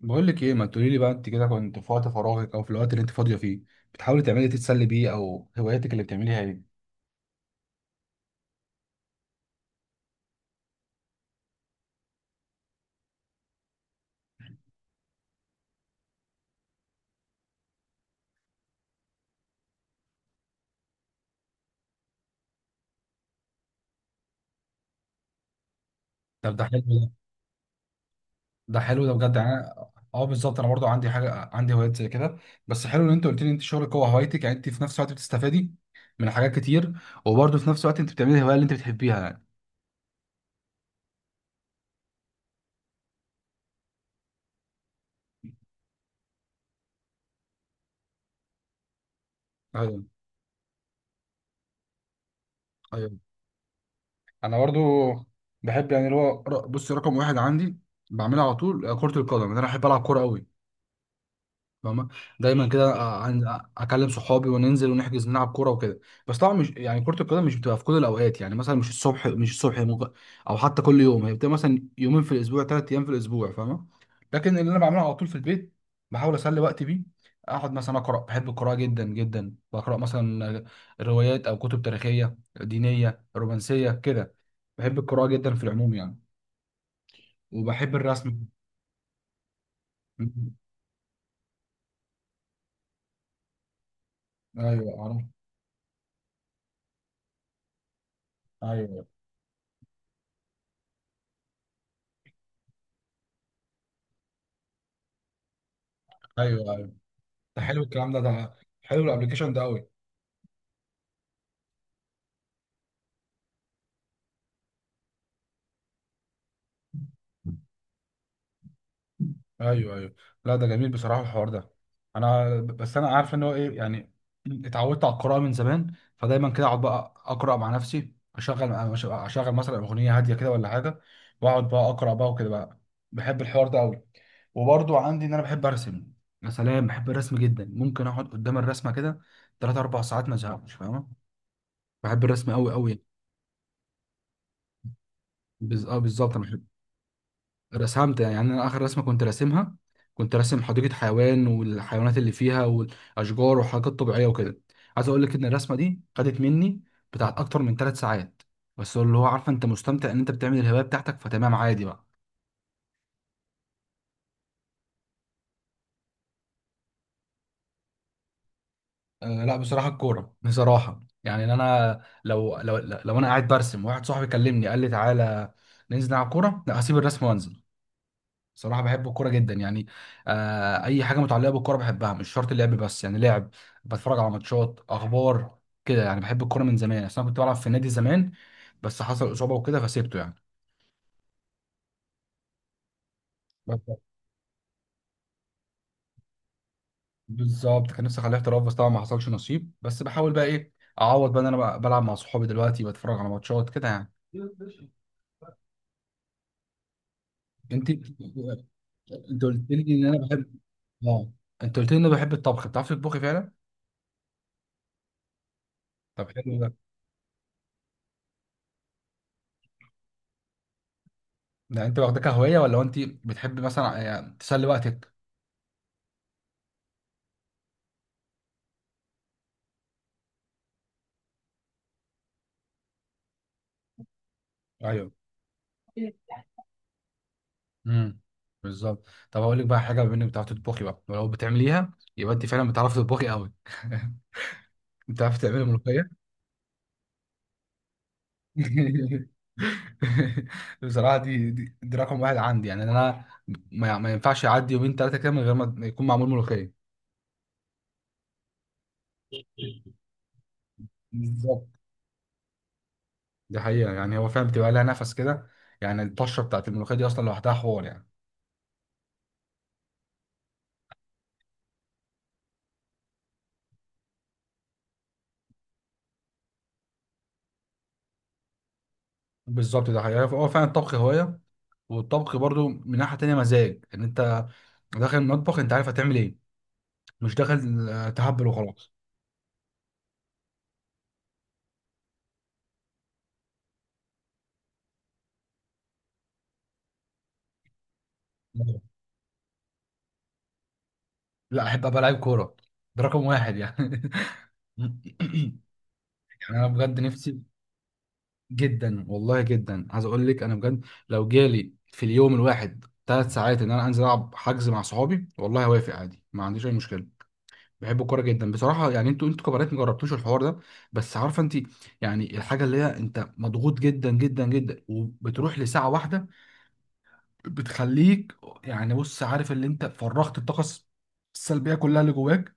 بقول لك ايه، ما تقولي لي بقى، انت كده كنت في وقت فراغك او في الوقت اللي انت فاضيه فيه بتحاولي تعملي إيه؟ تتسلي بيه او هواياتك اللي بتعمليها ايه؟ طب ده حلو ده. ده حلو ده بجد، يعني اه بالظبط، انا برضو عندي حاجه، عندي هوايات زي كده. بس حلو ان انت قلت لي انت شغلك هو هوايتك، يعني انت في نفس الوقت بتستفادي من حاجات كتير، وبرضه في نفس الوقت انت بتعملي الهوايه اللي انت بتحبيها يعني. ايوه، ايوه، انا برضو بحب، يعني اللي هو بصي، رقم واحد عندي بعملها على طول كره القدم، انا بحب العب كوره قوي، فاهمة؟ دايما كده اكلم صحابي وننزل ونحجز نلعب كوره وكده. بس طبعا مش يعني، كره القدم مش بتبقى في كل الاوقات، يعني مثلا مش الصبح، مش الصبح ممكن او حتى كل يوم، هي بتبقى مثلا يومين في الاسبوع، ثلاث ايام في الاسبوع، فاهمه؟ لكن اللي انا بعمله على طول في البيت، بحاول اسلي وقتي بيه، اقعد مثلا اقرا، بحب القراءه جدا جدا، بقرا مثلا روايات او كتب تاريخيه دينيه رومانسيه كده. بحب القراءه جدا في العموم يعني، وبحب الرسم. ايوه عارف. ايوه ايوه، ده حلو الكلام ده، ده حلو الابلكيشن ده قوي. ايوه ايوه. لا ده جميل بصراحه الحوار ده. انا بس انا عارف ان هو ايه، يعني اتعودت على القراءه من زمان، فدايما كده اقعد بقى اقرا مع نفسي، اشغل، اشغل مثلا اغنيه هاديه كده ولا حاجه، واقعد بقى اقرا بقى وكده بقى. بحب الحوار ده قوي. وبرضو عندي ان انا بحب ارسم، يا سلام، بحب الرسم جدا، ممكن اقعد قدام الرسمه كده 3 4 ساعات ما ازهقش، فاهمه؟ بحب الرسم قوي قوي. اه بالظبط، انا رسمت، يعني انا اخر رسمه كنت راسمها، كنت راسم حديقه حيوان والحيوانات اللي فيها والاشجار وحاجات طبيعيه وكده. عايز اقول لك ان الرسمه دي خدت مني بتاعت اكتر من ثلاث ساعات، بس اللي هو عارفه انت مستمتع ان انت بتعمل الهوايه بتاعتك، فتمام عادي بقى. أه لا بصراحه، الكوره بصراحه، يعني إن انا لو انا قاعد برسم واحد صاحبي كلمني قال لي تعالى ننزل نلعب كوره، لا هسيب الرسم وانزل. صراحة بحب الكورة جدا يعني. آه، أي حاجة متعلقة بالكورة بحبها، مش شرط اللعب بس، يعني لعب، بتفرج على ماتشات، أخبار كده يعني. بحب الكورة من زمان، أصل أنا كنت بلعب في النادي زمان، بس حصل إصابة وكده فسيبته يعني. بس- بالظبط، كان نفسي أخليه احتراف، بس طبعا ما حصلش نصيب. بس بحاول بقى إيه، أعوض بقى إن أنا بقى بلعب مع صحابي دلوقتي، بتفرج على ماتشات كده يعني. أنت، أنت قلت لي إن أنا بحب، آه، أنت قلت لي إن أنا بحب الطبخ، بتعرفي تطبخي فعلا؟ طب حلو ده. ده انت واخده كهوايه ولا هو انت بتحب مثلا يعني تسلي وقتك؟ ايوه. امم بالظبط. طب هقول لك بقى حاجه، بما انك بتعرفي تطبخي بقى ولو بتعمليها يبقى انت فعلا بتعرفي تطبخي قوي، بتعرفي تعملي ملوخيه؟ بصراحه، دي رقم واحد عندي، يعني انا ما ينفعش يعدي يومين ثلاثه كده من غير ما يكون معمول ملوخيه. بالظبط، دي حقيقه، يعني هو فعلا بتبقى لها نفس كده، يعني الطشه بتاعت الملوخيه دي اصلا لوحدها حوار يعني. بالظبط ده حقيقه، هو فعلا الطبخ هوايه. والطبخ برضو من ناحية تانية مزاج، ان انت داخل المطبخ انت عارف هتعمل ايه، مش داخل تهبل وخلاص. لا احب ابقى لعيب كورة، ده رقم واحد يعني، يعني انا بجد نفسي جدا والله جدا. عايز اقول لك انا بجد لو جالي في اليوم الواحد ثلاث ساعات ان انا انزل العب حجز مع صحابي والله هوافق عادي، ما عنديش اي مشكله. بحب الكوره جدا بصراحه، يعني انتوا كبنات ما جربتوش الحوار ده، بس عارفه انت، يعني الحاجه اللي هي انت مضغوط جدا جدا جدا وبتروح لساعه واحده بتخليك، يعني بص، عارف اللي انت فرغت الطاقه السلبيه كلها اللي جواك.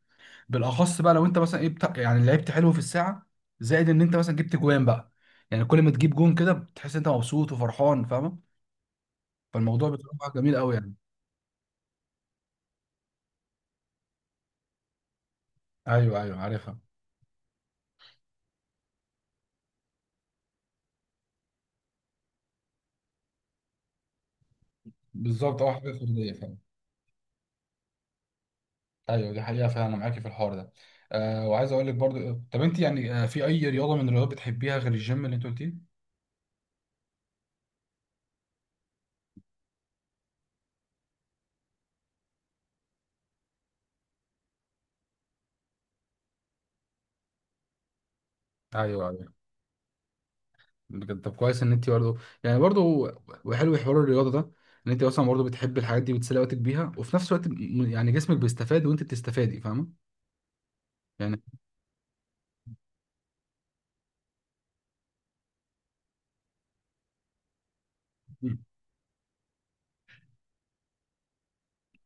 بالاخص بقى لو انت مثلا ايه، بتاع يعني لعبت حلو في الساعه، زائد ان انت مثلا جبت جوان بقى، يعني كل ما تجيب جون كده بتحس انت مبسوط وفرحان، فاهم؟ فالموضوع بصراحه جميل قوي يعني. ايوه ايوه عارفها. بالظبط، اه حاجه فرديه فعلا. ايوه دي حقيقه فعلا، انا معاكي في الحوار ده. آه، وعايز اقول لك برضو، طب انت يعني، آه، في اي رياضه من الرياضات بتحبيها غير الجيم اللي انت قلتيه؟ ايوه ايوه. بجد طب كويس ان انت برضه، يعني برضه، وحلو حوار الرياضه ده، ان انت اصلا برضه بتحب الحاجات دي، بتسلي وقتك بيها وفي نفس الوقت يعني جسمك بيستفاد وانت بتستفادي، فاهمه يعني؟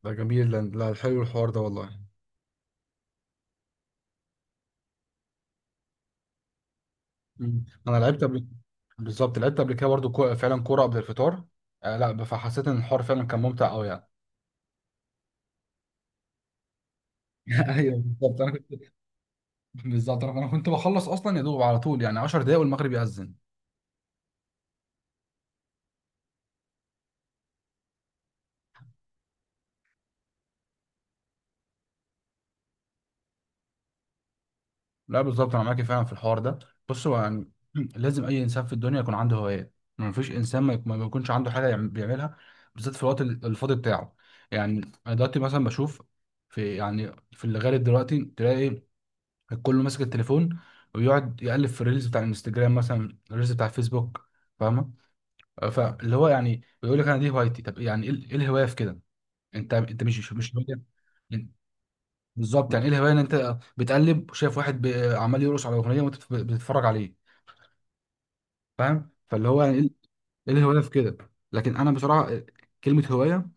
ده جميل، لا لا، حلو الحوار ده والله. انا لعبت قبل. بالظبط لعبت قبل كده برضه فعلا كوره قبل الفطار، آه لا فحسيت ان الحوار فعلا كان ممتع قوي يعني. ايوه بالظبط، انا كنت، بالظبط انا كنت بخلص اصلا يا دوب على طول، يعني 10 دقايق والمغرب يأذن. لا بالظبط انا معاك فعلا في الحوار ده. بص هو يعني، لازم اي انسان في الدنيا يكون عنده هوايات، ما فيش انسان ما يكونش عنده حاجه بيعملها، بالذات في الوقت الفاضي بتاعه يعني. انا دلوقتي مثلا بشوف في، يعني في اللي غالب دلوقتي تلاقي الكل ماسك التليفون، ويقعد يقلب في الريلز بتاع الانستجرام، مثلا الريلز بتاع الفيسبوك، فاهمه؟ فاللي هو يعني بيقول لك انا دي هوايتي، طب يعني ايه، إيه الهوايه في كده؟ انت، انت مش هواية. بالظبط، يعني ايه الهوايه ان انت بتقلب وشايف واحد عمال يرقص على اغنيه وانت بتتفرج عليه، فاهم؟ فاللي هو يعني ايه، إيه الهوايه في كده؟ لكن انا بصراحه كلمه هوايه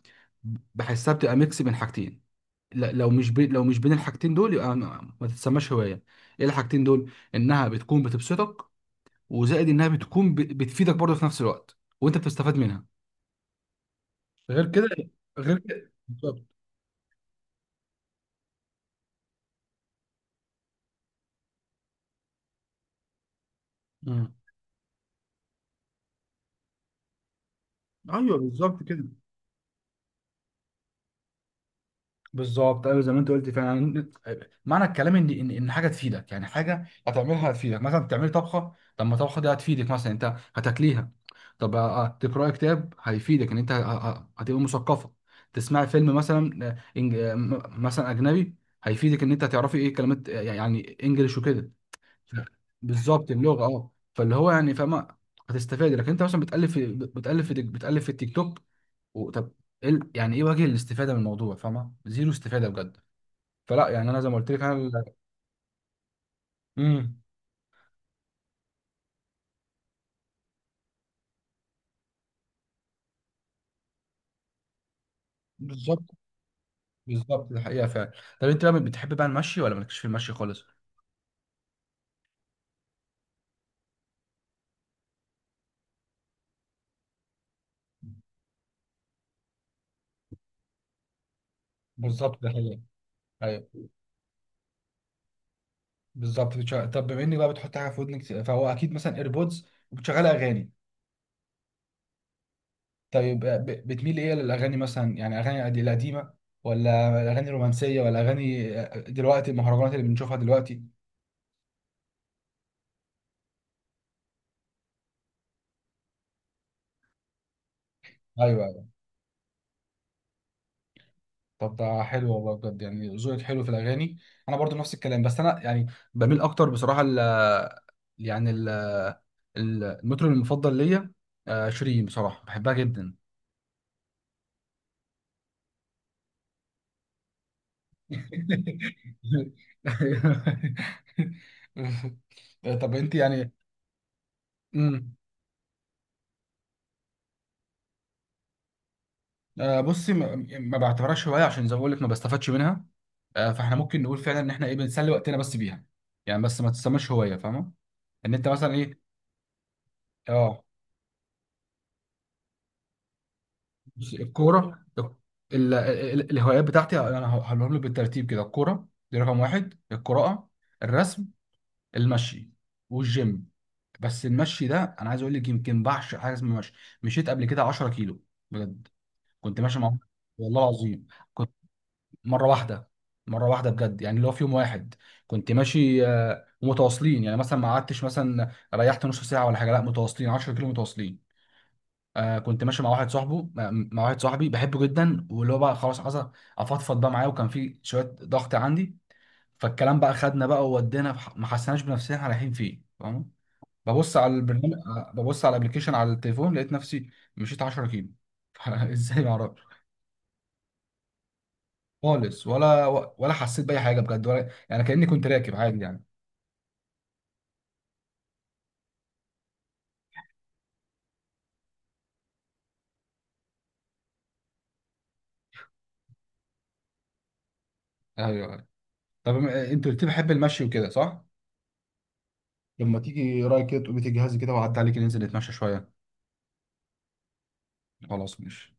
بحسها بتبقى ميكس بين حاجتين، لو مش بين الحاجتين دول يبقى ما تتسماش هوايه. ايه الحاجتين دول؟ انها بتكون بتبسطك، وزائد انها بتكون بتفيدك برضه في نفس الوقت وانت بتستفاد منها، غير كده. غير كده بالظبط. مم. ايوه بالظبط كده. بالظبط ايوه زي ما انت قلت فعلا، معنى الكلام ان حاجه تفيدك، يعني حاجه هتعملها هتفيدك، مثلا بتعمل طبخه، طب ما الطبخه دي هتفيدك مثلا انت هتاكليها. طب تقراي كتاب هيفيدك ان انت هتبقى مثقفه. تسمعي فيلم مثلا، مثلا اجنبي، هيفيدك ان انت هتعرفي ايه كلمات، يعني انجلش وكده. ف- بالظبط، اللغه، اه فاللي هو يعني فاهمه؟ هتستفاد. لكن انت مثلا بتالف في التيك توك، طب إيه يعني ايه وجه الاستفاده من الموضوع؟ فاهمه زيرو استفاده بجد. فلا يعني انا زي ما قلت لك انا امم بالظبط. بالظبط ده حقيقه فعلا. طب انت بقى بتحب بقى المشي ولا مالكش في المشي خالص؟ بالظبط ده حقيقه. ايوه بالظبط، بتشغل... طب بما اني بقى بتحط حاجه في ودنك فهو اكيد مثلا ايربودز وبتشغل اغاني. طيب ب... بتميل ايه للاغاني، مثلا يعني اغاني القديمه، ولا اغاني رومانسيه، ولا اغاني دلوقتي المهرجانات اللي بنشوفها دلوقتي؟ ايوه. طب ده حلو والله بجد، يعني ذوقك حلو في الاغاني. انا برضو نفس الكلام، بس انا يعني بميل اكتر بصراحه ل، يعني ال، المطرب المفضل ليا، شيرين، بصراحه بحبها جدا. طب انت يعني، امم بصي ما بعتبرهاش هوايه، عشان زي ما بقول لك ما بستفادش منها. آه، فاحنا ممكن نقول فعلا ان احنا ايه، بنسلي وقتنا بس بيها يعني، بس ما تسماش هوايه فاهمه؟ ان انت مثلا ايه. اه بص، الكورة، الهوايات بتاعتي، يعني انا هقولهم لك بالترتيب كده، الكورة دي رقم واحد، القراءة، الرسم، المشي، والجيم. بس المشي ده انا عايز اقول لك يمكن بعشق حاجة اسمها مشي. مشيت قبل كده 10 كيلو بجد، كنت ماشي مع، والله العظيم كنت، مرة واحدة، مرة واحدة بجد، يعني اللي هو في يوم واحد كنت ماشي، ومتواصلين يعني مثلا ما قعدتش مثلا ريحت نص ساعة ولا حاجة، لا متواصلين 10 كيلو متواصلين. آه كنت ماشي مع واحد صاحبه، مع واحد صاحبي بحبه جدا، واللي هو بقى خلاص عايز افضفض بقى معاه، وكان في شويه ضغط عندي، فالكلام بقى خدنا بقى وودينا في ما حسناش بنفسنا احنا رايحين فين، فاهم؟ ببص على البرنامج، ببص على الابلكيشن على التليفون لقيت نفسي مشيت 10 كيلو، ازاي ما اعرفش خالص، ولا ولا حسيت باي حاجه بجد، ولا يعني كاني كنت راكب عادي يعني. ايوه أيوة. طب انت قلت لي بحب المشي وكده صح؟ لما تيجي رايك كده تقومي تجهزي كده وأعدي عليك ننزل نتمشى شويه. خلاص ماشي.